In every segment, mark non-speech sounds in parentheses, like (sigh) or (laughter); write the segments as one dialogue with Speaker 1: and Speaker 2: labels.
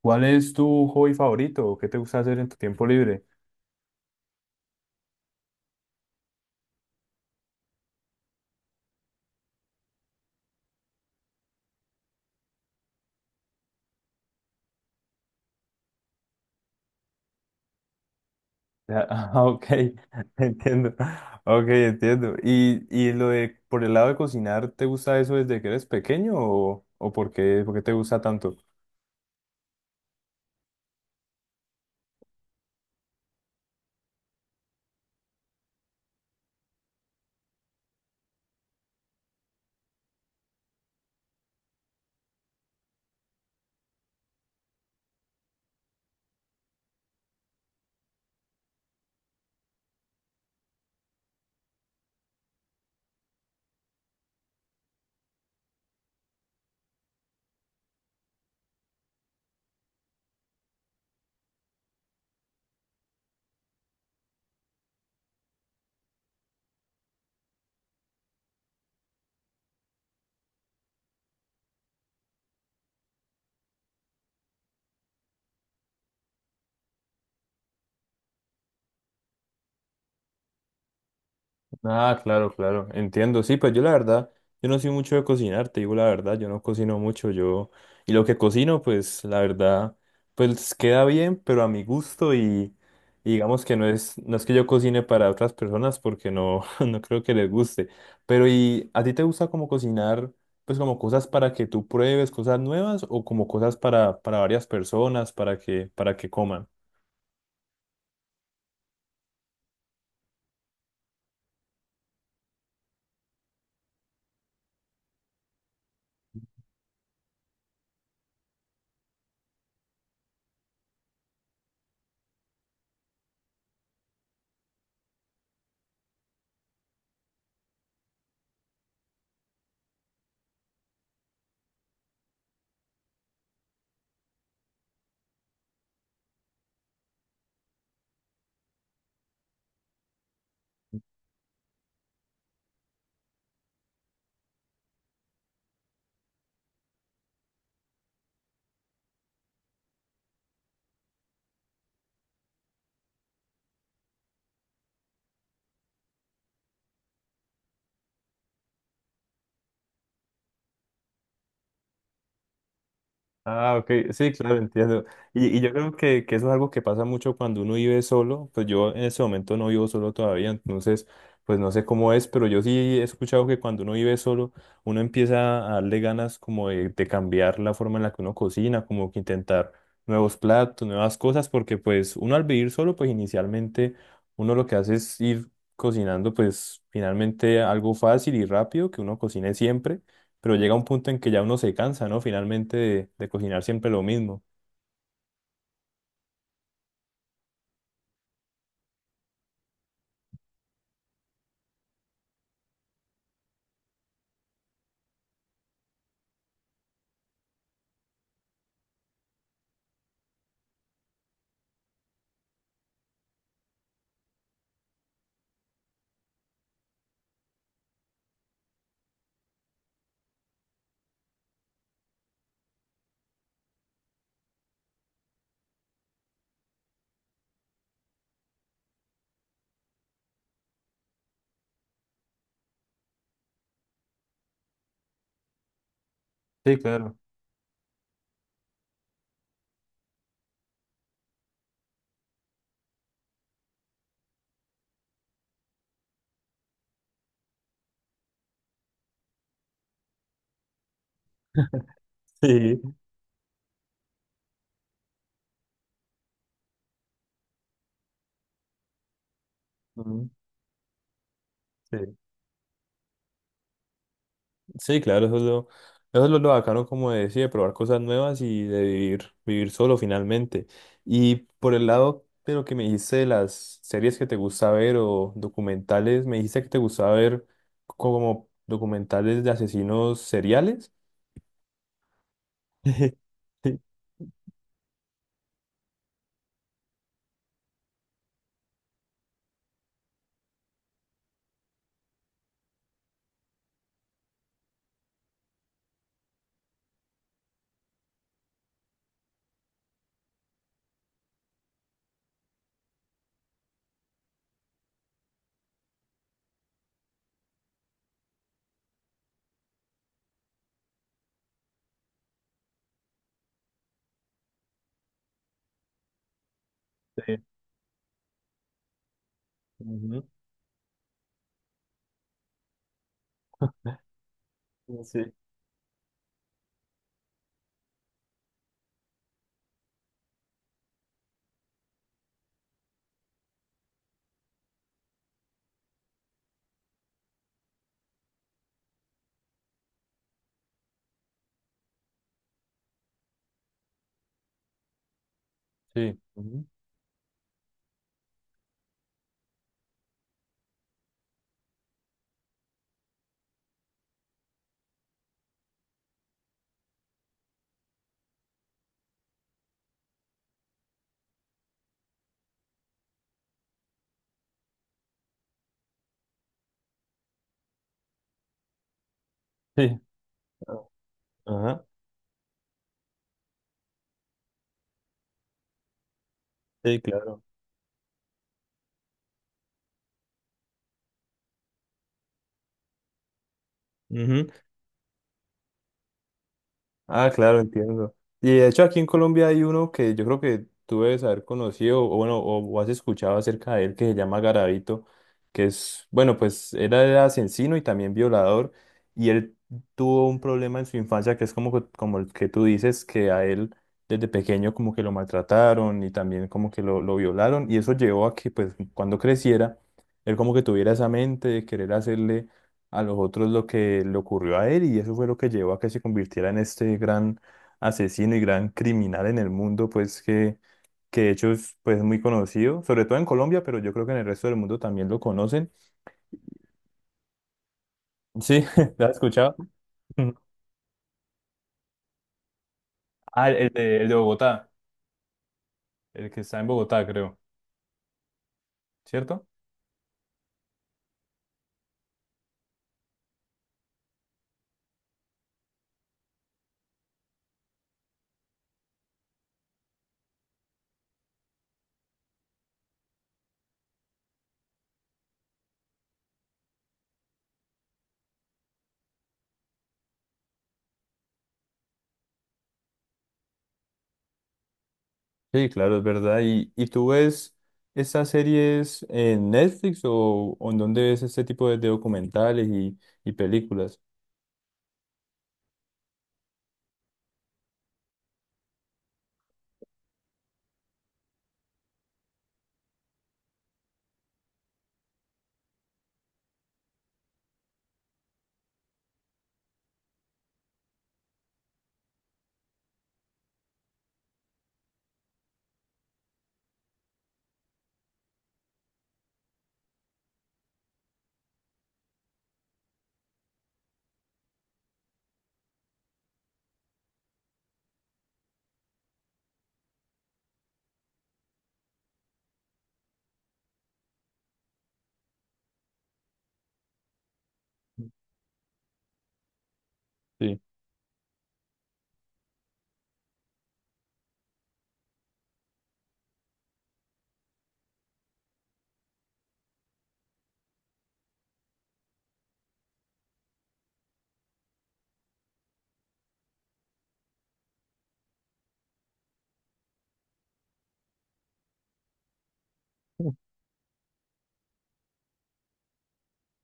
Speaker 1: ¿Cuál es tu hobby favorito? ¿Qué te gusta hacer en tu tiempo libre? Ya, (laughs) ah, ok, (laughs) entiendo. Ok, entiendo. ¿Y lo de por el lado de cocinar, ¿te gusta eso desde que eres pequeño o por qué, ¿por qué te gusta tanto? Ah, claro, claro, entiendo. Sí, pues yo la verdad, yo no soy mucho de cocinar, te digo la verdad, yo no cocino mucho, yo, y lo que cocino, pues la verdad, pues queda bien, pero a mi gusto y digamos que no es que yo cocine para otras personas porque no, (laughs) no creo que les guste. Pero ¿y a ti te gusta como cocinar, pues como cosas para que tú pruebes, cosas nuevas o como cosas para varias personas, para que coman? Ah, ok, sí, claro, entiendo. Y yo creo que eso es algo que pasa mucho cuando uno vive solo. Pues yo en ese momento no vivo solo todavía, entonces, pues no sé cómo es, pero yo sí he escuchado que cuando uno vive solo, uno empieza a darle ganas como de cambiar la forma en la que uno cocina, como que intentar nuevos platos, nuevas cosas, porque pues uno al vivir solo, pues inicialmente uno lo que hace es ir cocinando, pues finalmente algo fácil y rápido que uno cocine siempre, pero llega un punto en que ya uno se cansa, ¿no? Finalmente de cocinar siempre lo mismo. Sí, claro. (laughs) Sí. Ujú. Sí, sí, claro, eso es lo bacano, como decía, de probar cosas nuevas y de vivir, vivir solo finalmente. Y por el lado de lo que me dijiste de las series que te gusta ver o documentales, me dijiste que te gustaba ver como documentales de asesinos seriales. (laughs) Sí, sí, ujú, sí, sí, ujú, sí, ah, ajá, sí, claro. Ujú. Ah, claro, entiendo. Y de hecho aquí en Colombia hay uno que yo creo que tú debes haber conocido o bueno, o has escuchado acerca de él que se llama Garavito, que es, bueno, pues él era asesino y también violador y él tuvo un problema en su infancia que es como, que- como el que tú dices, que a él desde pequeño como que lo maltrataron y también como que lo violaron y eso llevó a que pues cuando creciera, él como que tuviera esa mente de querer hacerle a los otros lo que le ocurrió a él y eso fue lo que llevó a que se convirtiera en este gran asesino y gran criminal en el mundo, pues que de hecho es, pues, muy conocido, sobre todo en Colombia, pero yo creo que en el resto del mundo también lo conocen. Sí, (laughs) ¿lo has escuchado? Ujú. Ah, el de Bogotá, el que está en Bogotá, creo, ¿cierto? Sí, claro, es verdad. Y tú ves estas series en Netflix o en dónde ves este tipo de documentales y películas? Sí.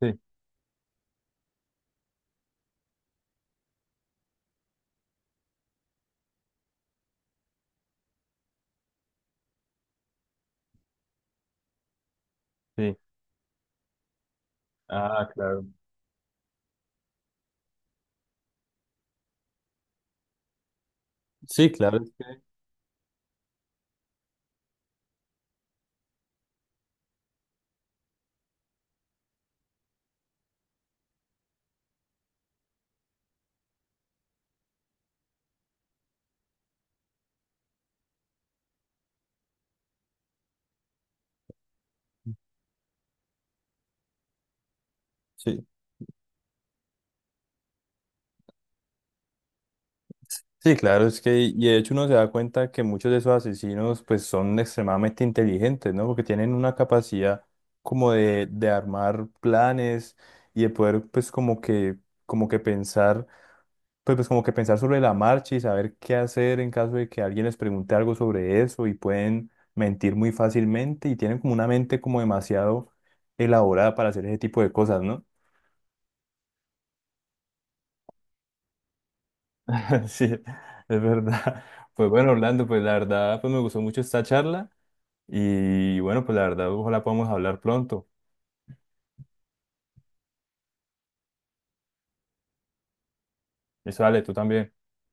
Speaker 1: Sí, sí. Ah, claro. Sí, claro, es que, sí, sí, claro, es que, y de hecho uno se da cuenta que muchos de esos asesinos pues son extremadamente inteligentes, ¿no? Porque tienen una capacidad como de armar planes y de poder pues como que pensar, pues, pues como que pensar sobre la marcha y saber qué hacer en caso de que alguien les pregunte algo sobre eso y pueden mentir muy fácilmente y tienen como una mente como demasiado elaborada para hacer ese tipo de cosas, ¿no? (laughs) Sí, es verdad. (laughs) Pues bueno, Orlando, pues la verdad, pues me gustó mucho esta charla y bueno, pues la verdad, ojalá podamos hablar pronto. Eso, dale, tú también.